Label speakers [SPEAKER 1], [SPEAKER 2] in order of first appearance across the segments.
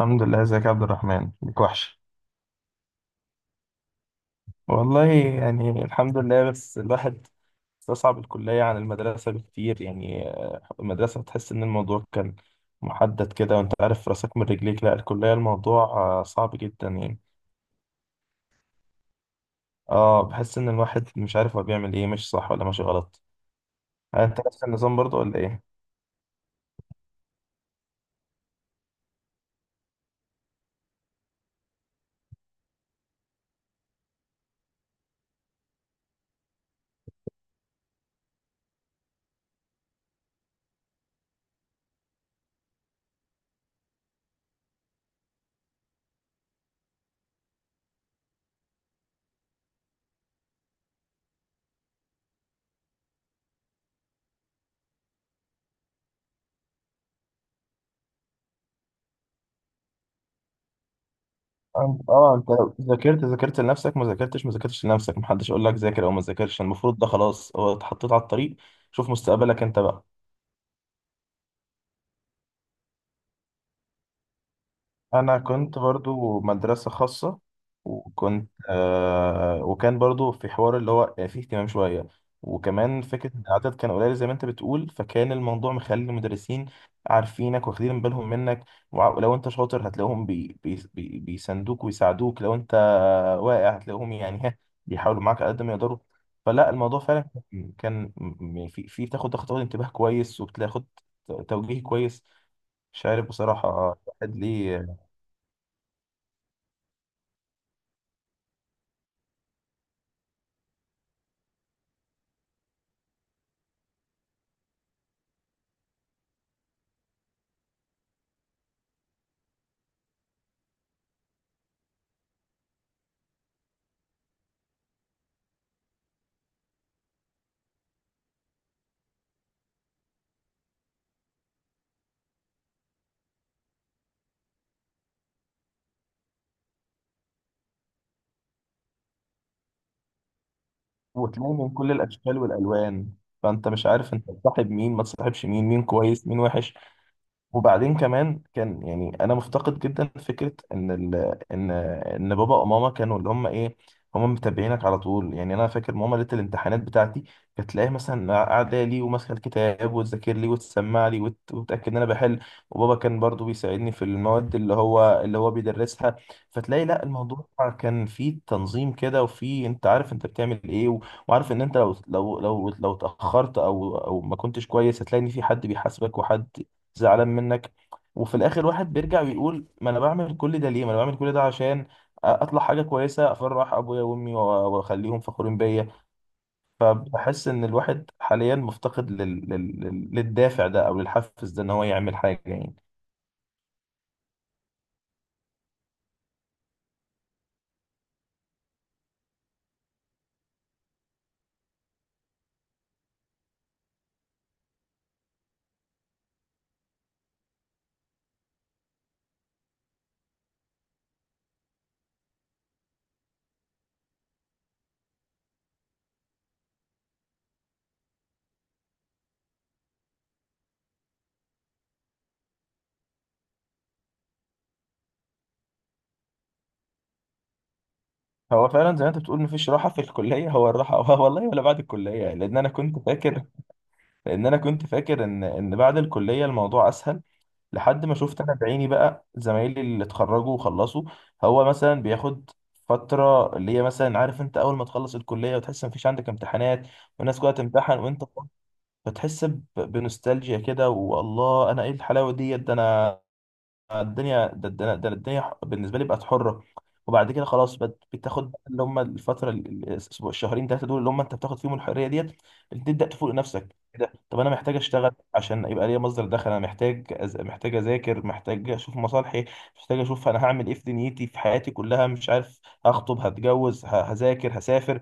[SPEAKER 1] الحمد لله، ازيك يا عبد الرحمن؟ ليك وحش. والله يعني الحمد لله، بس الواحد استصعب الكلية عن المدرسة بكتير يعني. المدرسة تحس إن الموضوع كان محدد كده وأنت عارف راسك من رجليك، لا الكلية الموضوع صعب جدا يعني. اه، بحس إن الواحد مش عارف هو بيعمل إيه، مش صح ولا ماشي غلط. أنت نفس النظام برضه ولا إيه؟ اه. أنت لو ذاكرت ذاكرت لنفسك، ما ذاكرتش ما ذاكرتش لنفسك، محدش يقول لك ذاكر أو ما ذاكرش، المفروض ده خلاص هو اتحطيت على الطريق. شوف مستقبلك أنت بقى. انا كنت برضو مدرسة خاصة، وكنت آه وكان برضو في حوار اللي هو فيه اهتمام شوية. وكمان فكرة ان العدد كان قليل زي ما انت بتقول، فكان الموضوع مخلي المدرسين عارفينك واخدين بالهم منك. ولو انت شاطر هتلاقوهم بي بي بي بيساندوك ويساعدوك، لو انت واقع هتلاقوهم يعني بيحاولوا معاك على قد ما يقدروا. فلا، الموضوع فعلا كان في بتاخد انتباه كويس وبتاخد توجيه كويس، مش عارف بصراحة الواحد ليه. وتلاقي من كل الاشكال والالوان، فانت مش عارف انت تصاحب مين ما تصاحبش مين، مين كويس مين وحش. وبعدين كمان كان يعني انا مفتقد جدا فكره ان ان بابا وماما كانوا اللي هم ايه، هم متابعينك على طول. يعني انا فاكر ماما ليله الامتحانات بتاعتي كانت تلاقيها مثلا قاعده لي وماسكه الكتاب وتذاكر لي وتسمع لي وتاكد ان انا بحل. وبابا كان برضو بيساعدني في المواد اللي هو بيدرسها. فتلاقي لا، الموضوع كان فيه تنظيم كده، وفيه انت عارف انت بتعمل ايه، و... وعارف ان انت لو اتاخرت او ما كنتش كويس هتلاقي ان في حد بيحاسبك وحد زعلان منك. وفي الاخر واحد بيرجع ويقول ما انا بعمل كل ده ليه، ما انا بعمل كل ده عشان اطلع حاجه كويسه، افرح ابويا وامي واخليهم فخورين بيا. فبحس ان الواحد حاليا مفتقد للدافع ده او للحفز ده، ان هو يعمل حاجه يعني. هو فعلا زي ما انت بتقول مفيش راحه في الكليه، هو الراحه هو والله ولا بعد الكليه، لان انا كنت فاكر ان بعد الكليه الموضوع اسهل، لحد ما شفت انا بعيني بقى زمايلي اللي اتخرجوا وخلصوا. هو مثلا بياخد فترة اللي هي مثلا، عارف انت، اول ما تخلص الكلية وتحس مفيش عندك امتحانات والناس كلها تمتحن وانت فاضي، فتحس بنوستالجيا كده، والله انا ايه الحلاوة ديت، ده انا الدنيا ده الدنيا بالنسبه لي بقت حره. وبعد كده خلاص بتاخد اللي هم الفتره الاسبوع الشهرين ثلاثه، دول اللي هم انت بتاخد فيهم الحريه ديت، تبدا تفوق نفسك. كده طب، انا محتاج اشتغل عشان يبقى ليا مصدر دخل، انا محتاج محتاج اذاكر محتاج اشوف مصالحي، محتاج اشوف انا هعمل ايه في دنيتي في حياتي كلها، مش عارف هخطب هتجوز هذاكر هسافر.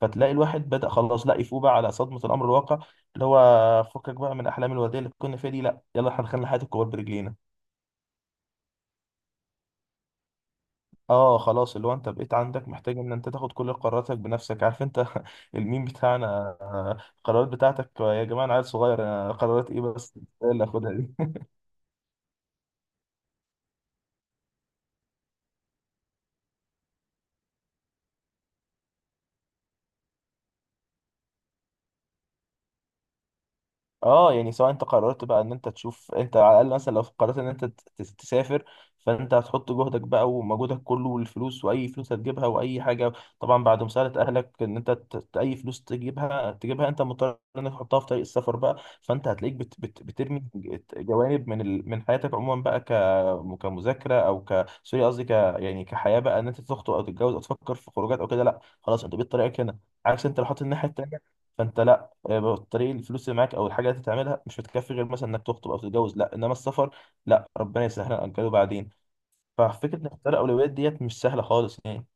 [SPEAKER 1] فتلاقي الواحد بدأ خلاص لا يفوق بقى على صدمة الأمر الواقع، اللي هو فكك بقى من أحلام الوردية اللي كنا فيها دي، لا يلا احنا دخلنا حياة الكبار برجلينا. اه خلاص، اللي هو انت بقيت عندك محتاج ان انت تاخد كل قراراتك بنفسك، عارف انت الميم بتاعنا، القرارات بتاعتك، يا جماعه انا عيل صغير، قرارات ايه بس، إيه اللي اخدها دي. اه يعني سواء انت قررت بقى ان انت تشوف انت على الاقل، مثلا لو قررت ان انت تسافر، فانت هتحط جهدك بقى ومجهودك كله والفلوس، واي فلوس هتجيبها واي حاجه، طبعا بعد مساعده اهلك، ان انت اي فلوس تجيبها تجيبها، انت مضطر انك تحطها في طريق السفر بقى. فانت هتلاقيك بت بت بترمي جوانب من حياتك عموما بقى، كمذاكره او ك سوري قصدي يعني كحياه بقى، ان انت تخطب او تتجوز او تفكر في خروجات او كده، لا خلاص انت بقيت طريقك هنا، عكس انت لو حاطط الناحيه التانيه فانت لا. بالطريق الفلوس اللي معاك او الحاجه اللي تعملها مش هتكفي غير مثلا انك تخطب او تتجوز، لا انما السفر لا، ربنا يسهلها نأجله بعدين. ففكره نختار الاولويات ديت مش سهله خالص يعني.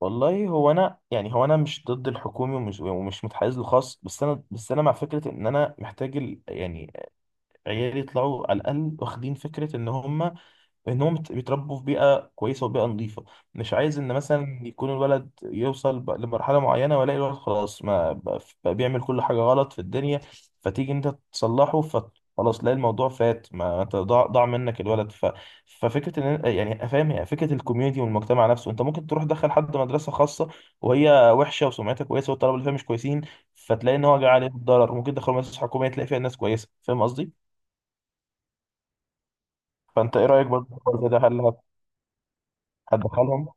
[SPEAKER 1] والله، هو انا مش ضد الحكومي ومش متحيز للخاص، بس انا مع فكره ان انا محتاج يعني عيالي يطلعوا على الاقل واخدين فكره ان هم انهم بيتربوا في بيئه كويسه وبيئه نظيفه. مش عايز ان مثلا يكون الولد يوصل لمرحله معينه والاقي الولد خلاص، ما بقى بيعمل كل حاجه غلط في الدنيا. فتيجي انت تصلحه فخلاص تلاقي الموضوع فات، ما انت ضاع منك الولد ففكره ان، يعني فاهم، يعني فكره الكوميونتي والمجتمع نفسه، انت ممكن تروح تدخل حد مدرسه خاصه وهي وحشه وسمعتها كويسه والطلبه اللي فيها مش كويسين، فتلاقي ان هو جاي عليه الضرر. ممكن تدخل مدرسه حكوميه تلاقي فيها ناس كويسه، فاهم قصدي. فانت ايه رايك برضه في الحوار ده، هل هتدخلهم؟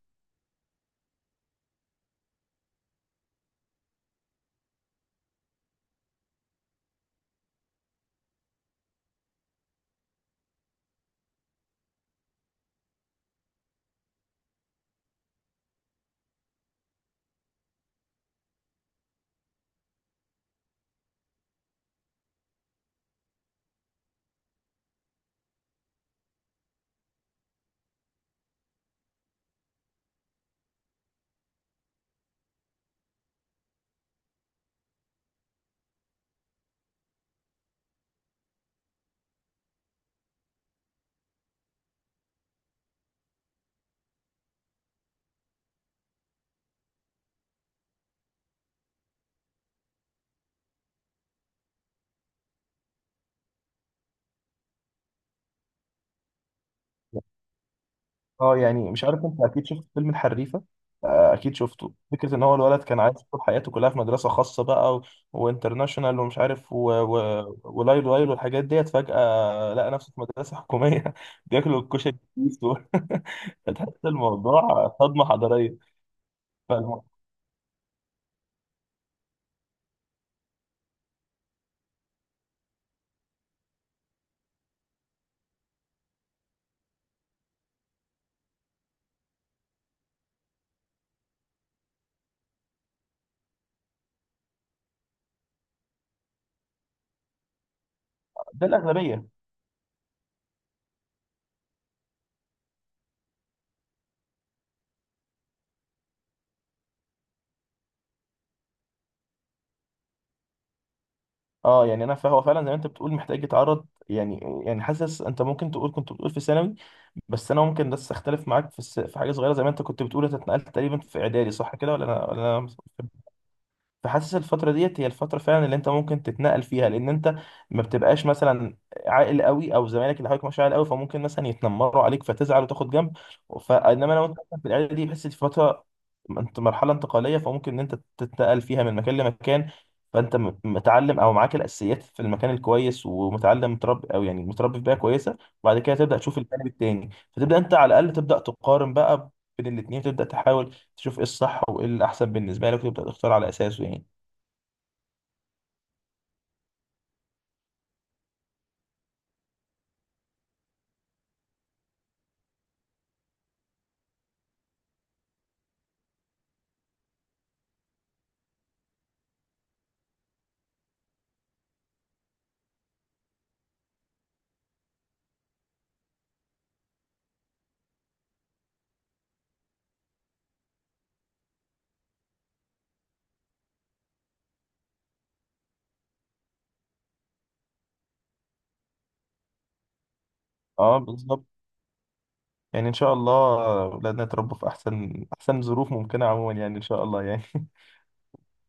[SPEAKER 1] اه يعني مش عارف، انت اكيد شفت فيلم الحريفه، اكيد شفته. فكره ان هو الولد كان عايز طول حياته كلها في مدرسه خاصه بقى وانترناشونال ومش عارف ولايل وايل والحاجات ديت، فجاه لقى نفسه في مدرسه حكوميه بياكلوا الكشري دول، فتحس الموضوع صدمه حضاريه. فالم... ده الاغلبيه. اه يعني فهو فعلا زي ما انت بتقول محتاج يتعرض، يعني حاسس انت ممكن تقول كنت بتقول في ثانوي، بس انا ممكن بس اختلف معاك في في حاجه صغيره، زي ما انت كنت بتقول انت اتنقلت تقريبا في اعدادي صح كده ولا انا. فحاسس الفترة ديت هي الفترة فعلا اللي انت ممكن تتنقل فيها، لان انت ما بتبقاش مثلا عاقل قوي او زمايلك اللي حواليك مش عاقل قوي، فممكن مثلا يتنمروا عليك فتزعل وتاخد جنب. فانما لو انت مثلاً في العيله دي، بحس دي فترة، انت مرحلة انتقالية فممكن ان انت تتنقل فيها من مكان لمكان، فانت متعلم او معاك الاساسيات في المكان الكويس ومتعلم متربي او يعني متربي في بيئة كويسة، وبعد كده تبدا تشوف الجانب التاني فتبدا انت على الاقل تبدا تقارن بقى بين الاتنين، تبدا تحاول تشوف ايه الصح وايه الاحسن بالنسبه لك وتبدا تختار على اساسه يعني. اه بالظبط، يعني ان شاء الله اولادنا يتربوا في احسن احسن ظروف ممكنه عموما، يعني ان شاء الله يعني